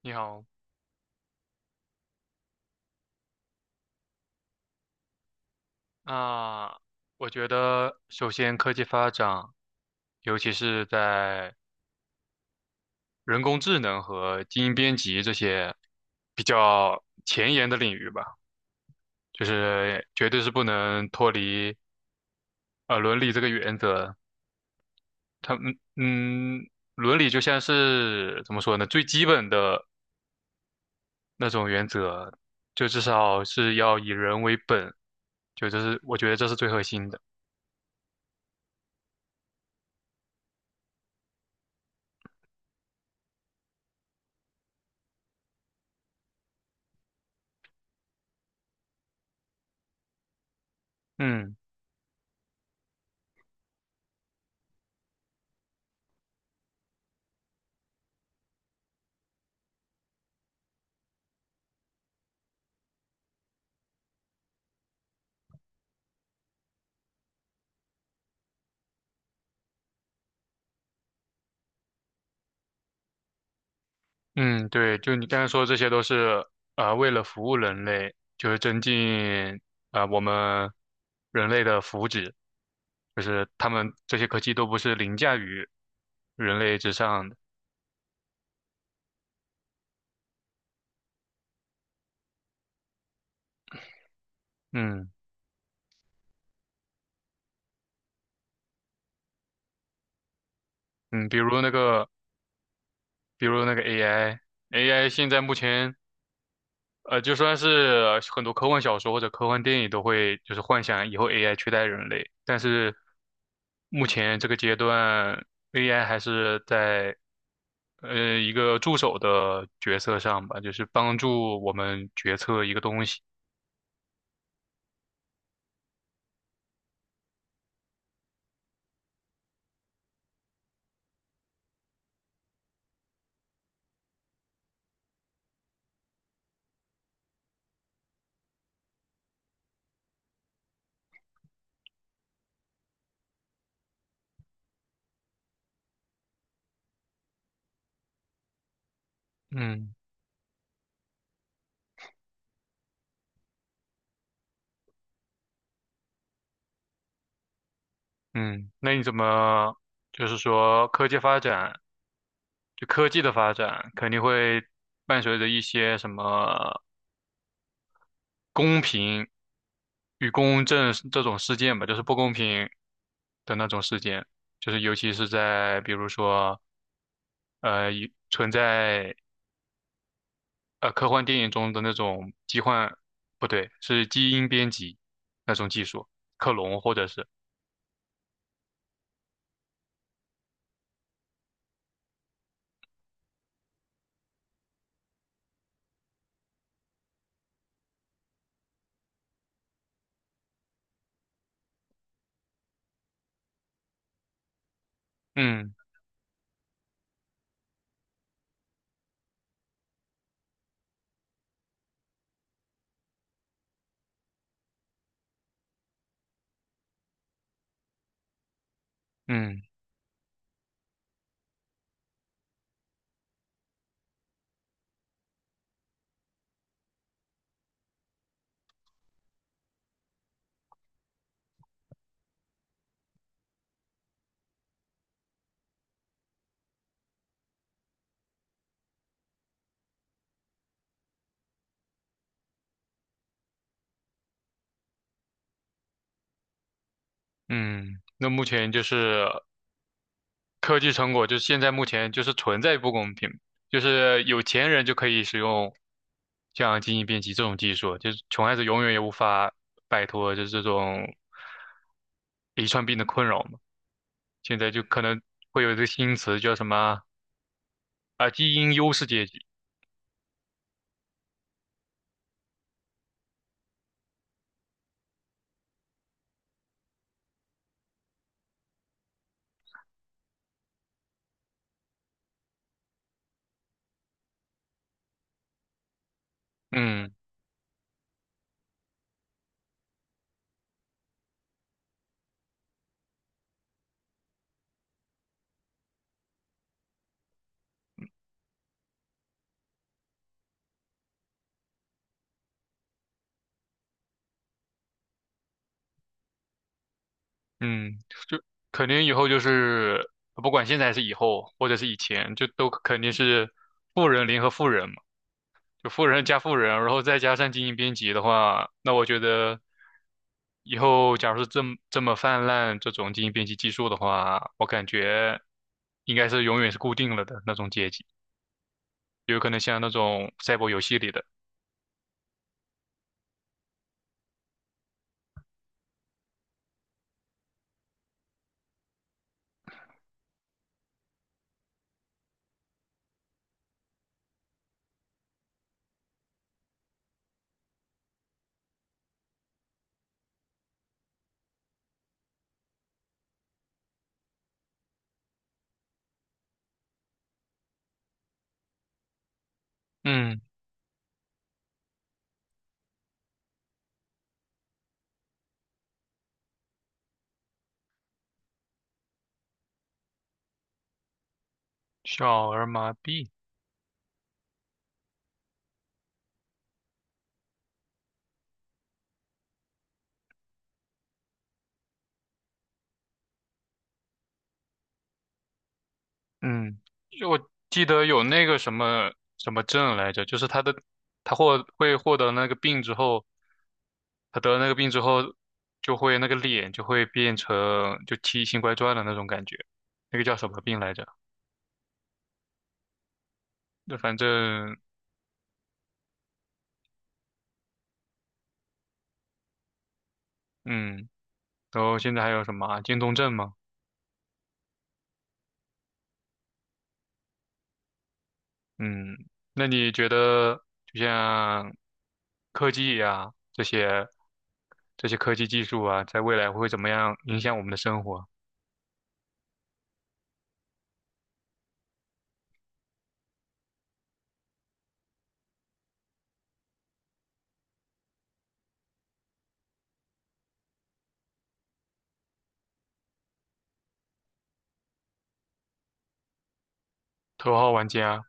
你好，那我觉得首先科技发展，尤其是在人工智能和基因编辑这些比较前沿的领域吧，就是绝对是不能脱离伦理这个原则。他们嗯，伦理就像是怎么说呢，最基本的那种原则，就至少是要以人为本，这是我觉得这是最核心的。嗯。嗯，对，就你刚才说，这些都是为了服务人类，就是增进我们人类的福祉，就是他们这些科技都不是凌驾于人类之上的。嗯嗯，比如那个，比如那个 AI，AI 现在目前就算是很多科幻小说或者科幻电影都会就是幻想以后 AI 取代人类，但是目前这个阶段，AI 还是在一个助手的角色上吧，就是帮助我们决策一个东西。嗯嗯，那你怎么就是说科技发展，就科技的发展肯定会伴随着一些什么公平与公正这种事件吧，就是不公平的那种事件，就是尤其是在比如说呃一存在呃科幻电影中的那种疾患，不对，是基因编辑那种技术，克隆或者是嗯嗯嗯，那目前就是科技成果就是现在目前就是存在不公平，就是有钱人就可以使用像基因编辑这种技术，就是穷孩子永远也无法摆脱就是这种遗传病的困扰嘛。现在就可能会有一个新词叫什么啊，基因优势阶级。嗯嗯，就肯定以后就是不管现在还是以后，或者是以前，就都肯定是富人联合富人嘛。就富人加富人，然后再加上精英编辑的话，那我觉得以后假如是这么泛滥这种精英编辑技术的话，我感觉应该是永远是固定了的那种阶级，有可能像那种赛博游戏里的，嗯，小儿麻痹，嗯，就我记得有那个什么症来着，就是他的他获会获得那个病之后，他得了那个病之后，就会那个脸就会变成就奇形怪状的那种感觉，那个叫什么病来着？那反正嗯，然后现在还有什么啊渐冻症嘛，嗯，那你觉得就像科技呀、这些科技技术啊，在未来会怎么样影响我们的生活？头号玩家，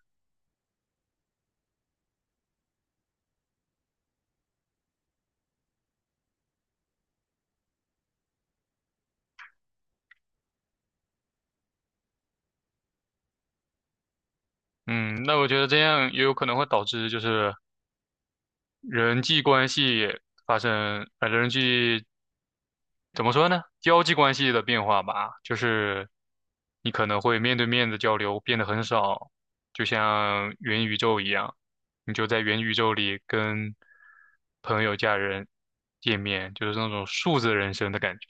嗯，那我觉得这样也有可能会导致就是。人际关系发生，人际怎么说呢？交际关系的变化吧，就是你可能会面对面的交流变得很少，就像元宇宙一样，你就在元宇宙里跟朋友、家人见面，就是那种数字人生的感觉。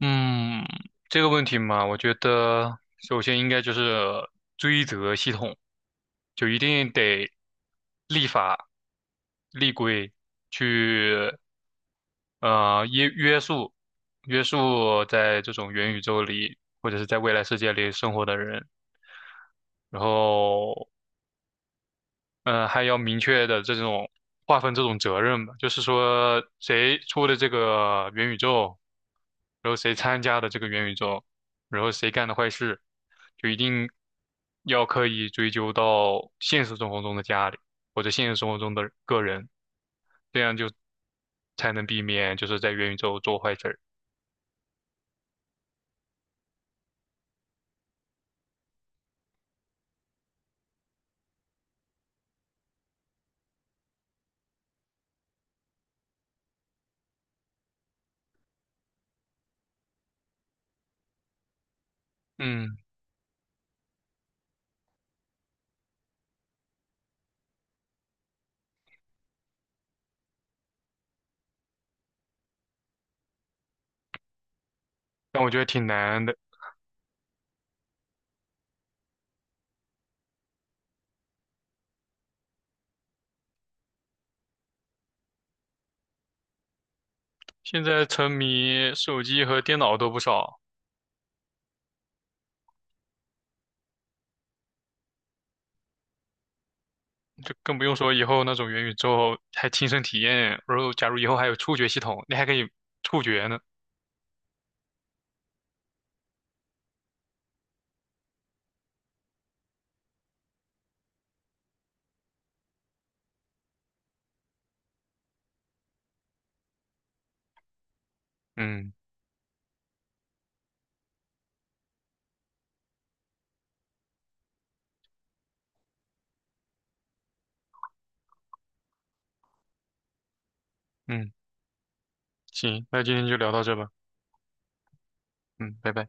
嗯，这个问题嘛，我觉得首先应该就是追责系统，就一定得立法、立规去呃约约束约束在这种元宇宙里或者是在未来世界里生活的人，然后嗯，还要明确的这种划分这种责任吧，就是说谁出的这个元宇宙，然后谁参加的这个元宇宙，然后谁干的坏事，就一定要刻意追究到现实生活中的家里或者现实生活中的个人，这样就才能避免就是在元宇宙做坏事儿。嗯，但我觉得挺难的，现在沉迷手机和电脑都不少。就更不用说以后那种元宇宙还亲身体验，然后假如以后还有触觉系统，你还可以触觉呢。嗯嗯，行，那今天就聊到这吧。嗯，拜拜。